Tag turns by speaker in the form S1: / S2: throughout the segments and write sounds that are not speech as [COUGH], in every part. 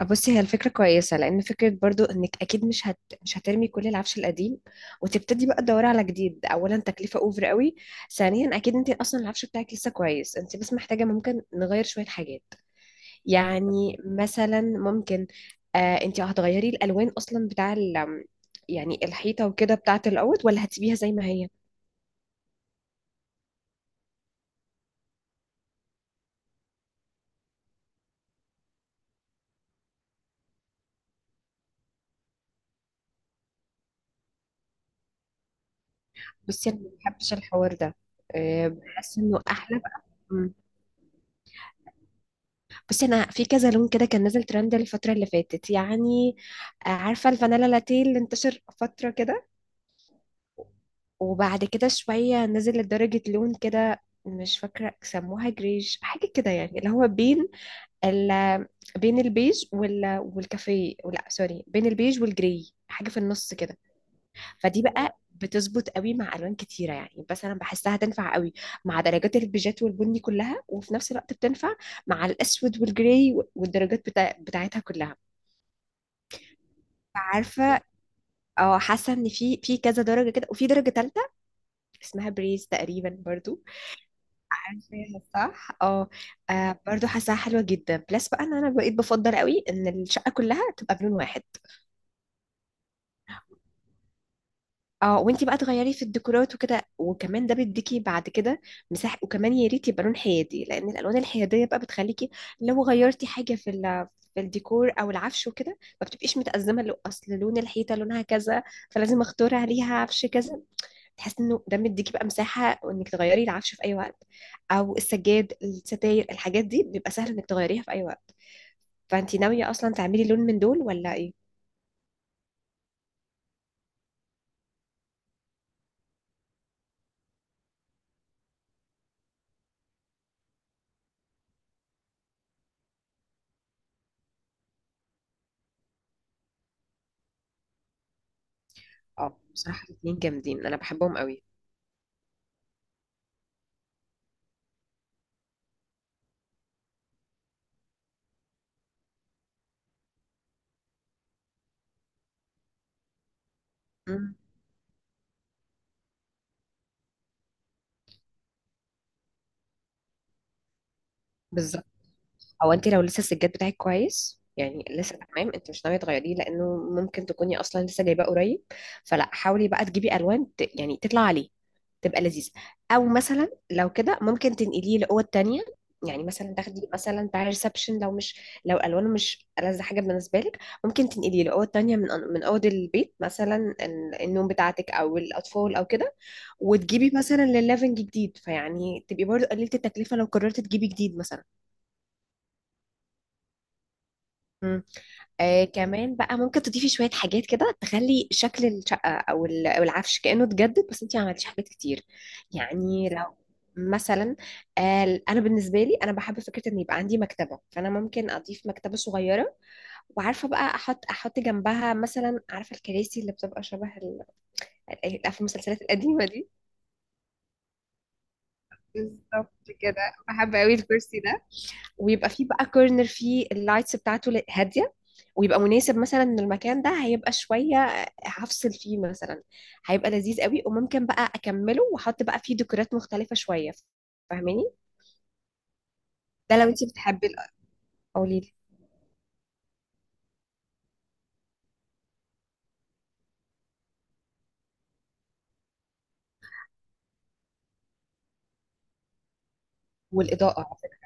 S1: آه، بصي هي الفكرة كويسة لأن فكرة برضو إنك أكيد مش هترمي كل العفش القديم، وتبتدي بقى تدوري على جديد. أولا تكلفة أوفر قوي، ثانيا أكيد أنت أصلا العفش بتاعك لسه كويس، أنت بس محتاجة ممكن نغير شوية حاجات. يعني مثلا ممكن، أنت هتغيري الألوان أصلا يعني الحيطة وكده بتاعة الأوض، ولا هتسيبيها زي ما هي؟ بصي أنا ما بحبش الحوار ده. آه، بحس إنه أحلى بقى. إمم. بصي انا في كذا لون كده كان نازل ترند الفتره اللي فاتت يعني. آه، عارفه الفانيلا لاتيه اللي انتشر فتره كده، وبعد كده شويه نزل لدرجه لون كده مش فاكره سموها جريج حاجه كده، يعني اللي هو ال بين البيج والكافيه، لا سوري، بين البيج والجري، حاجه في النص كده. فدي بقى بتظبط قوي مع الوان كتيره يعني، بس انا بحسها تنفع قوي مع درجات البيجات والبني كلها، وفي نفس الوقت بتنفع مع الاسود والجراي والدرجات بتاعتها كلها. عارفه، اه، حاسه ان في كذا درجه كده، وفي درجه ثالثه اسمها بريز تقريبا برضو. عارفاها صح، اه. آه، برضو حاساها حلوه جدا، بلس بقى ان انا بقيت بفضل قوي ان الشقه كلها تبقى بلون واحد. اه، وانتي بقى تغيري في الديكورات وكده، وكمان ده بيديكي بعد كده مساحه، وكمان يا ريت يبقى لون حيادي، لان الالوان الحياديه بقى بتخليكي لو غيرتي حاجه في الديكور او العفش وكده، ما بتبقيش متأزمه لو اصل لون الحيطه لونها كذا، فلازم اختار عليها عفش كذا. تحس انه ده مديكي بقى مساحه انك تغيري العفش في اي وقت، او السجاد، الستاير، الحاجات دي بيبقى سهل انك تغيريها في اي وقت. فانتي ناويه اصلا تعملي لون من دول ولا ايه؟ اه، بصراحه الاتنين جامدين، انا بحبهم قوي. مم. بالظبط. او انت لو لسه السجاد بتاعك كويس، يعني لسه تمام، انت مش ناويه تغيريه لانه ممكن تكوني اصلا لسه جايباه قريب. فلا، حاولي بقى تجيبي الوان يعني تطلع عليه، تبقى لذيذه. او مثلا لو كده ممكن تنقليه لاوض تانية، يعني مثلا تاخدي مثلا بتاع ريسبشن، لو الوانه مش ألذ حاجه بالنسبه لك، ممكن تنقليه لاوض تانية من اوض البيت، مثلا النوم بتاعتك او الاطفال او كده، وتجيبي مثلا للليفنج جديد، فيعني تبقي برضه قللتي التكلفه لو قررتي تجيبي جديد مثلا. مم. آه، كمان بقى ممكن تضيفي شوية حاجات كده تخلي شكل الشقة أو العفش كأنه اتجدد، بس أنتي ما عملتيش حاجات كتير. يعني لو مثلا، أنا بالنسبة لي أنا بحب فكرة إن يبقى عندي مكتبة، فأنا ممكن أضيف مكتبة صغيرة، وعارفة بقى أحط جنبها مثلا، عارفة الكراسي اللي بتبقى شبه عارفة المسلسلات القديمة دي. بالظبط، كده بحب قوي الكرسي ده، ويبقى فيه بقى كورنر فيه اللايتس بتاعته هادية، ويبقى مناسب مثلا ان المكان ده هيبقى شوية هفصل فيه مثلا. هيبقى لذيذ قوي، وممكن بقى اكمله واحط بقى فيه ديكورات مختلفة شوية، فاهماني؟ ده لو انت بتحبي قولي لي. والاضاءه على فكرة.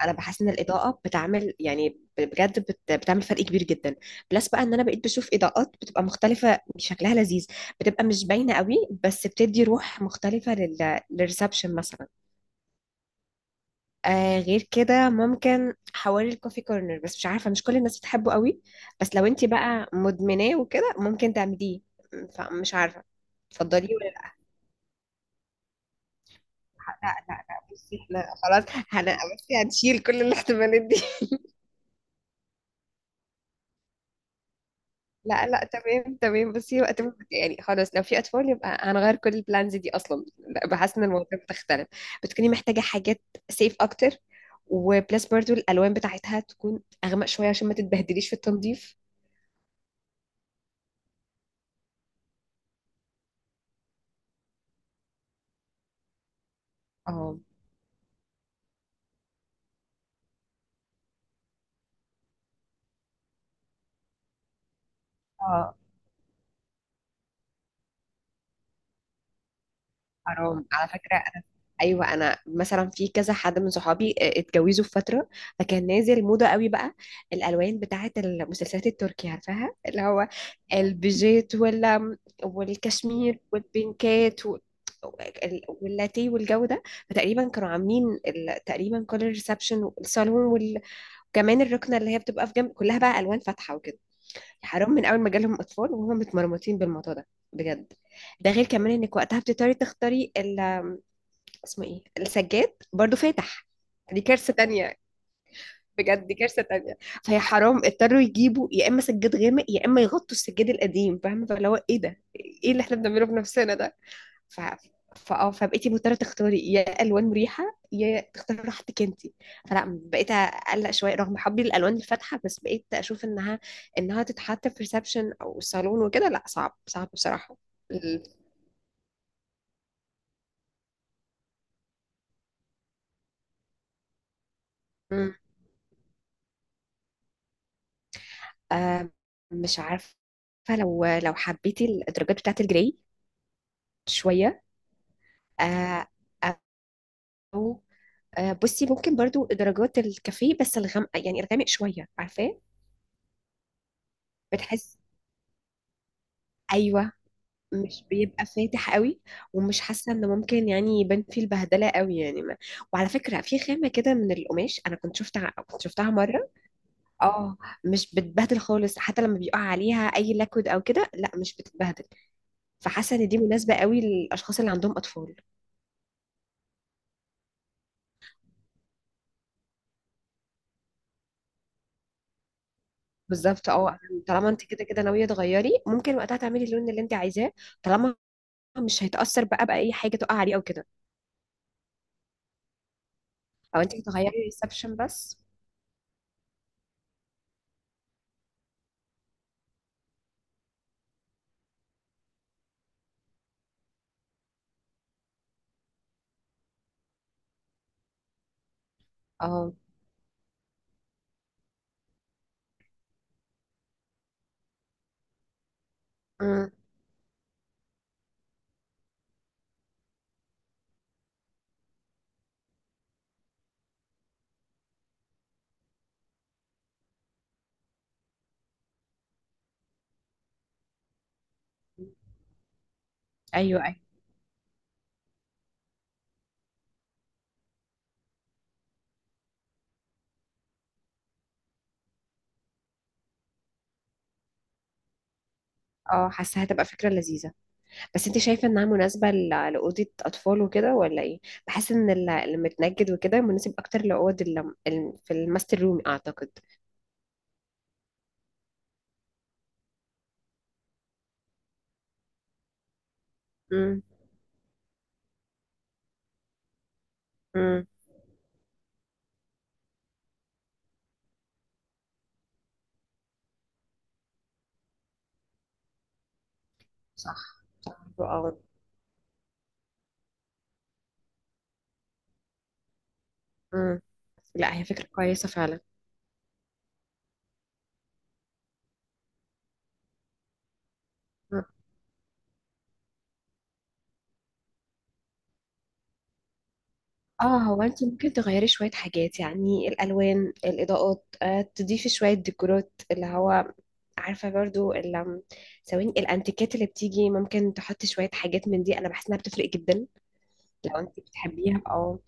S1: انا بحس ان الاضاءه بتعمل يعني بجد بتعمل فرق كبير جدا، بلس بقى ان انا بقيت بشوف اضاءات بتبقى مختلفه شكلها لذيذ، بتبقى مش باينه قوي، بس بتدي روح مختلفه للريسبشن مثلا. غير كده ممكن حواري الكوفي كورنر، بس مش عارفة مش كل الناس بتحبه قوي، بس لو انت بقى مدمناه وكده ممكن تعمليه، فمش عارفة تفضليه ولا لا. لا لا لا، بصي احنا خلاص بصي هنشيل كل الاحتمالات دي [LAUGHS] لا لا، تمام تمام، بصي وقت يعني خلاص لو في اطفال يبقى هنغير كل البلانز دي اصلا، لا، بحس ان الموضوع بتختلف. بتكوني محتاجة حاجات سيف اكتر، وبلس برضو الالوان بتاعتها تكون اغمق شوية عشان ما تتبهدليش في التنظيف. اه اه، حرام على فكرة. أنا، أيوة أنا مثلا في كذا حد من صحابي اتجوزوا في فترة، فكان نازل موضة قوي بقى الألوان بتاعة المسلسلات التركية، عارفاها اللي هو البيجيت ولا والكشمير والبينكات واللاتيه والجو ده. فتقريبا كانوا عاملين تقريبا كل الريسبشن والصالون وكمان الركنة اللي هي بتبقى في جنب كلها بقى ألوان فاتحة وكده. حرام، من أول ما جالهم أطفال وهم متمرمطين بالموضوع ده بجد. ده غير كمان انك وقتها بتضطري تختاري اسمه ايه، السجاد برضو فاتح. دي كارثة تانية، بجد دي كارثة تانية. فهي حرام، اضطروا يجيبوا يا اما سجاد غامق يا اما يغطوا السجاد القديم، فاهمة؟ فاللي هو ايه ده، ايه اللي احنا بنعمله في نفسنا ده. ف فاه فبقيتي مضطرة تختاري يا الوان مريحة يا تختاري راحتك انتي. فلا، بقيت اقلق شوية رغم حبي للالوان الفاتحة، بس بقيت اشوف انها تتحط في ريسبشن او صالون وكده، لا، صعب صعب بصراحة. آه، مش عارفة، لو حبيتي الدرجات بتاعة الجري شوية، آه، أو بصي ممكن برضو درجات الكافيه بس الغامق، يعني الغامق شوية عارفاه، بتحس، أيوة، مش بيبقى فاتح قوي، ومش حاسة إن ممكن يعني يبان فيه البهدلة قوي يعني ما. وعلى فكرة في خامة كده من القماش أنا كنت شفتها مرة، اه، مش بتبهدل خالص، حتى لما بيقع عليها أي لاكود أو كده لا مش بتتبهدل، فحاسة إن دي مناسبة قوي للأشخاص اللي عندهم أطفال. بالظبط، اه، طالما انت كده كده ناويه تغيري ممكن وقتها تعملي اللون اللي انت عايزاه، طالما مش هيتاثر بقى باي حاجه تقع عليه او كده، او انت تغيري الريسبشن بس. اه. أمم. ايوه ايوه. اه، حاسه هتبقى فكره لذيذه، بس انت شايفه انها مناسبه لاوضه اطفال وكده ولا ايه؟ بحس ان المتنجد وكده مناسب اكتر لاوض في الماستر روم اعتقد. امم امم، صح، اه، امم. لا، هي فكره كويسه فعلا. اه، هو انت ممكن تغيري شوية حاجات، يعني الألوان، الإضاءات، تضيفي شوية ديكورات اللي هو، عارفة برضو ثواني، الأنتيكات اللي بتيجي ممكن تحطي شوية حاجات من دي، أنا بحس إنها بتفرق جدا لو انت بتحبيها. أو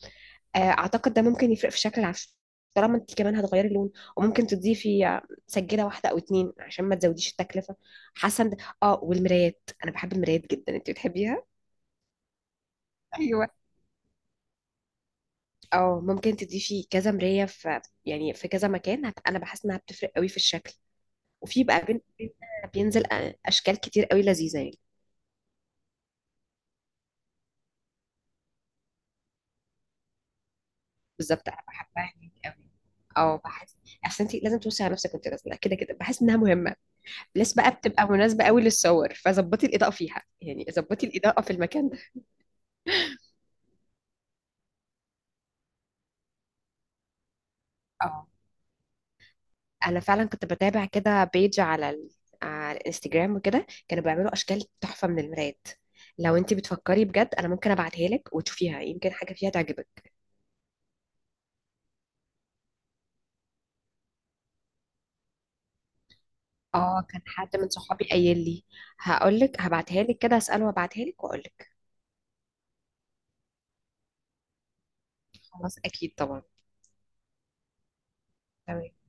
S1: أعتقد ده ممكن يفرق في شكل العفش طالما انت كمان هتغيري اللون، وممكن تضيفي، سجادة واحدة أو اتنين عشان ما تزوديش التكلفة. حاسة والمرايات، أنا بحب المرايات جدا، انت بتحبيها؟ ايوه. اه، ممكن تضيفي كذا مراية، في يعني في كذا مكان، انا بحس انها بتفرق قوي في الشكل، وفي بقى بينزل اشكال كتير قوي لذيذة يعني. بالظبط، انا بحبها هناك قوي، اه، بحس اصل انت لازم توصي على نفسك وانت نازله، كده كده بحس انها مهمه، بلس بقى بتبقى مناسبه قوي للصور، فظبطي الاضاءه فيها يعني ظبطي الاضاءه في المكان ده. اه، انا فعلا كنت بتابع كده بيج على الانستجرام وكده كانوا بيعملوا اشكال تحفه من المرايات، لو انت بتفكري بجد انا ممكن ابعتها لك وتشوفيها يمكن حاجه فيها تعجبك. اه، كان حد من صحابي قايل لي، هقول لك، هبعتها لك كده اساله وابعتها لك واقول لك. خلاص، اكيد طبعا. تمام.